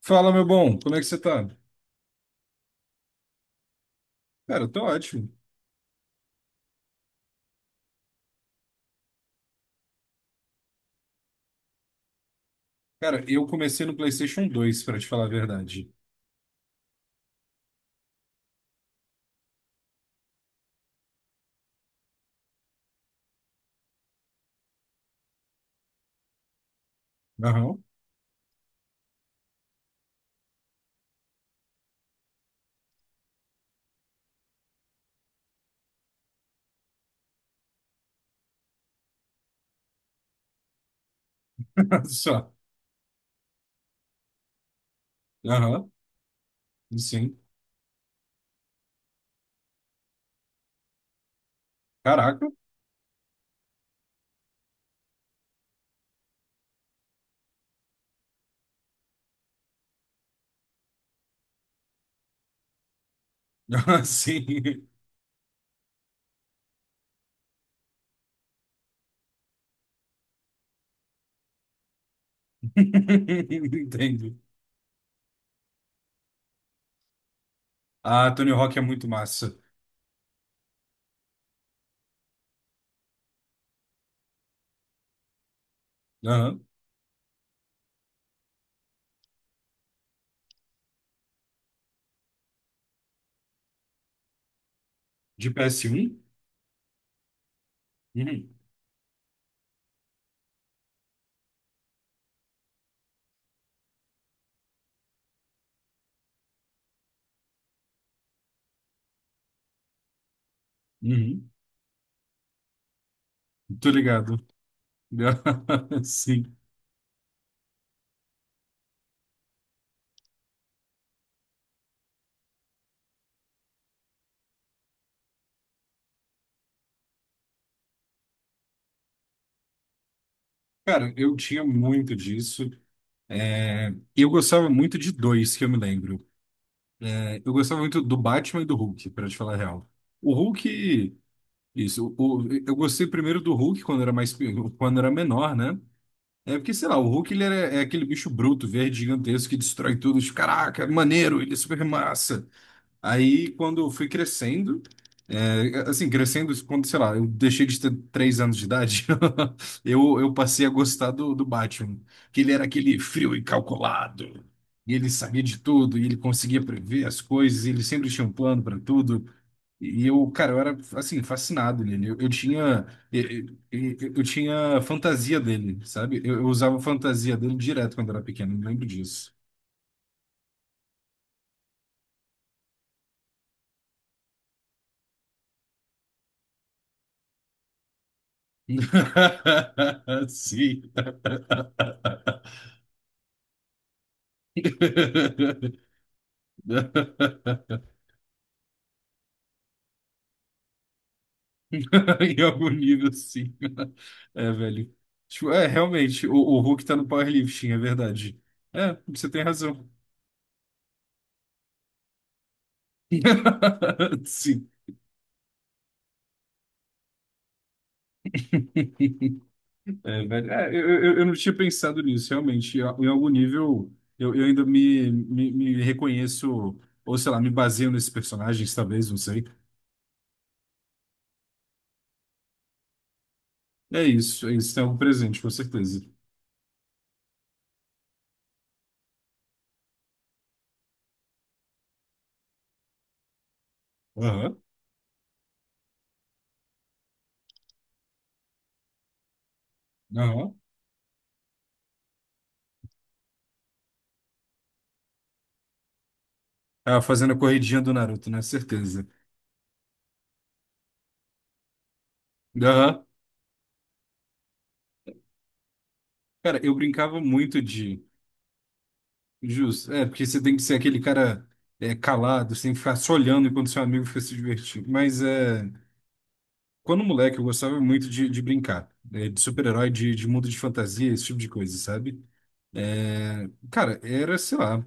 Fala, meu bom, como é que você tá? Cara, eu tô ótimo. Cara, eu comecei no PlayStation dois pra te falar a verdade. Aham. Só. Aham, sim. Caraca. Aham, sim. Entendo. Ah, Tony Hawk é muito massa. Aham, de ps um. Uhum. Uhum. Tô ligado. Sim. Cara, eu tinha muito disso. É, eu gostava muito de dois, que eu me lembro. É, eu gostava muito do Batman e do Hulk, pra te falar a real. O Hulk. Isso. Eu gostei primeiro do Hulk quando era mais, quando era menor, né? É porque, sei lá, o Hulk é aquele bicho bruto, verde, gigantesco, que destrói tudo. Tipo, caraca, maneiro, ele é super massa. Aí, quando eu fui crescendo, é, assim, crescendo, quando, sei lá, eu deixei de ter três anos de idade, eu passei a gostar do Batman. Que ele era aquele frio e calculado. E ele sabia de tudo, e ele conseguia prever as coisas, e ele sempre tinha um plano para tudo. E eu, cara, eu era, assim, fascinado nele. Eu, eu tinha fantasia dele, sabe? Eu usava fantasia dele direto quando era pequeno, eu me lembro disso. Sim. Em algum nível, sim. É, velho. Tipo, é, realmente, o Hulk tá no powerlifting, é verdade. É, você tem razão. Sim. É, velho, é, eu não tinha pensado nisso, realmente. Em algum nível, eu ainda me reconheço, ou sei lá, me baseio nesses personagens, talvez, não sei. É isso, tem algo presente, com certeza. Aham, aham. Ah, fazendo a corridinha do Naruto, né? Certeza. Aham. Cara, eu brincava muito de. Justo, é, porque você tem que ser aquele cara é, calado, você tem que ficar só olhando enquanto seu amigo fica se divertindo. Mas é. Quando moleque, eu gostava muito de brincar, de super-herói, de mundo de fantasia, esse tipo de coisa, sabe? É, cara, era, sei lá,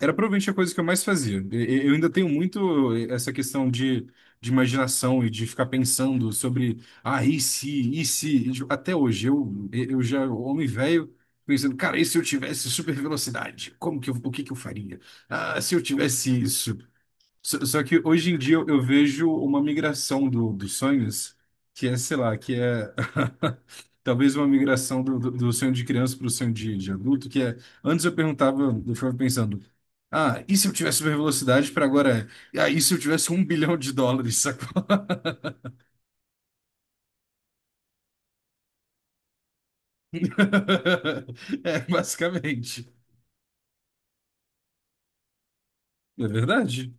era provavelmente a coisa que eu mais fazia. Eu ainda tenho muito essa questão de imaginação e de ficar pensando sobre, ah, e se, e se? E, tipo, até hoje, eu já, homem velho, pensando, cara, e se eu tivesse super velocidade? Como que eu, o que que eu faria? Ah, se eu tivesse isso? Só que hoje em dia eu vejo uma migração dos sonhos, que é, sei lá, que é talvez uma migração do sonho de criança para o sonho de adulto, que é, antes eu perguntava, eu ficava pensando, ah, e se eu tivesse super velocidade para agora, é, ah, e se eu tivesse um bilhão de dólares, sacou? É, basicamente. É verdade.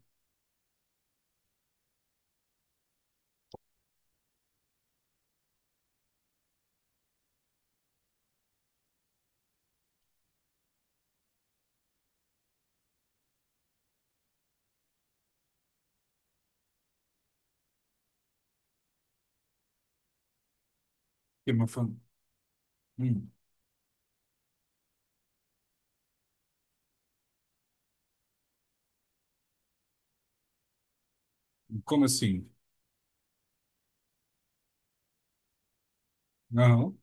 É uma fan- Hum, como assim? Não.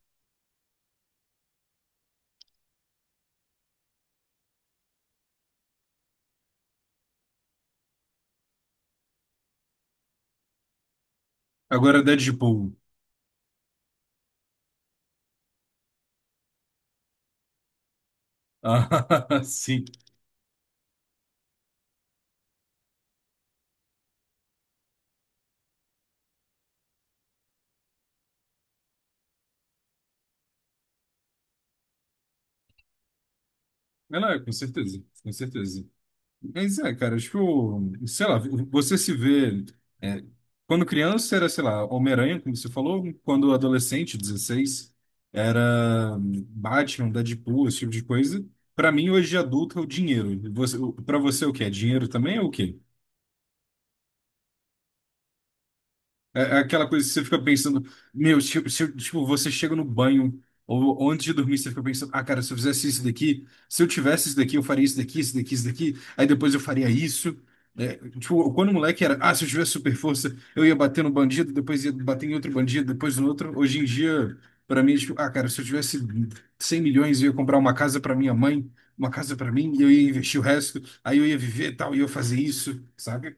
Agora Deadpool. Ah, sim. Não, não, é, com certeza, com certeza. Mas é, cara, tipo, sei lá, você se vê. É, quando criança era, sei lá, Homem-Aranha, como você falou, quando adolescente, 16 era Batman, Deadpool, esse tipo de coisa. Pra mim, hoje de adulto, é o dinheiro. Você, o- pra você, o que é? Dinheiro também ou o quê? É é aquela coisa que você fica pensando, meu, tipo se, eu- tipo, você chega no banho ou antes de dormir, você fica pensando, ah, cara, se eu fizesse isso daqui, se eu tivesse isso daqui, eu faria isso daqui, isso daqui, isso daqui, aí depois eu faria isso. É, tipo, quando o moleque era, ah, se eu tivesse super força, eu ia bater no bandido, depois ia bater em outro bandido, depois no outro. Hoje em dia, pra mim, é tipo, ah, cara, se eu tivesse 100 milhões, eu ia comprar uma casa pra minha mãe, uma casa pra mim, e eu ia investir o resto, aí eu ia viver e tal, e eu ia fazer isso, sabe?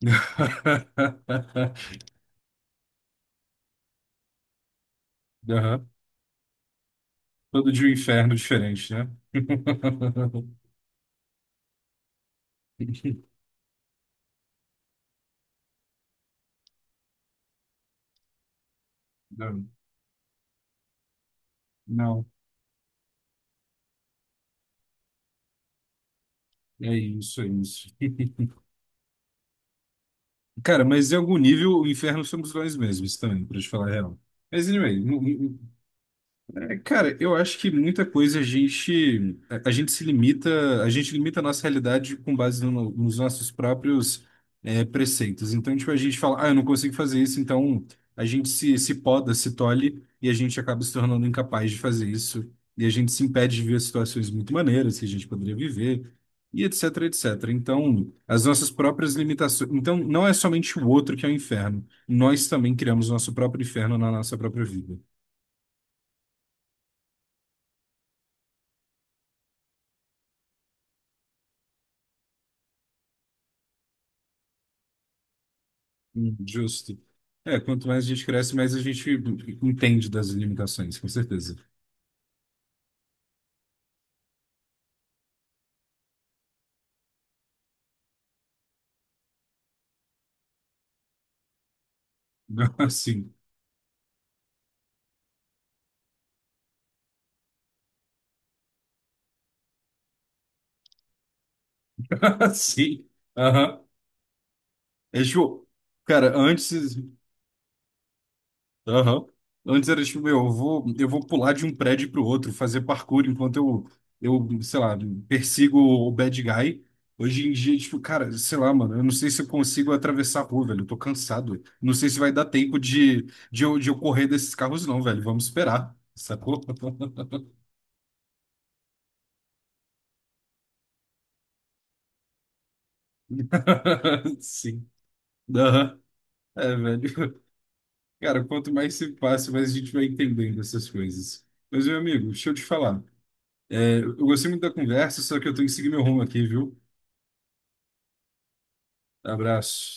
Aham. Todo de um inferno diferente, né? Não, não. É isso, é isso. Cara, mas em algum nível o inferno somos nós mesmos também, pra te falar a real. Mas anyway, é, cara, eu acho que muita coisa a gente a gente se limita, a gente limita a nossa realidade com base nos nossos próprios é, preceitos. Então, tipo, a gente fala, ah, eu não consigo fazer isso, então a gente se poda, se tolhe e a gente acaba se tornando incapaz de fazer isso. E a gente se impede de ver situações muito maneiras que a gente poderia viver e etc, etc. Então, as nossas próprias limitações. Então, não é somente o outro que é o inferno. Nós também criamos nosso próprio inferno na nossa própria vida. Justo. É, quanto mais a gente cresce, mais a gente entende das limitações, com certeza. Assim. Sim. Aham. É tipo, cara, antes. Aham. Antes era tipo, meu, eu vou pular de um prédio pro outro, fazer parkour enquanto eu, sei lá, persigo o bad guy. Hoje em dia, tipo, cara, sei lá, mano, eu não sei se eu consigo atravessar a rua, velho. Eu tô cansado. Não sei se vai dar tempo de eu correr desses carros, não, velho. Vamos esperar. Sacou? Sim. Aham. É, velho. Cara, quanto mais se passa, mais a gente vai entendendo essas coisas. Mas, meu amigo, deixa eu te falar. É, eu gostei muito da conversa, só que eu tenho que seguir meu rumo aqui, viu? Abraço.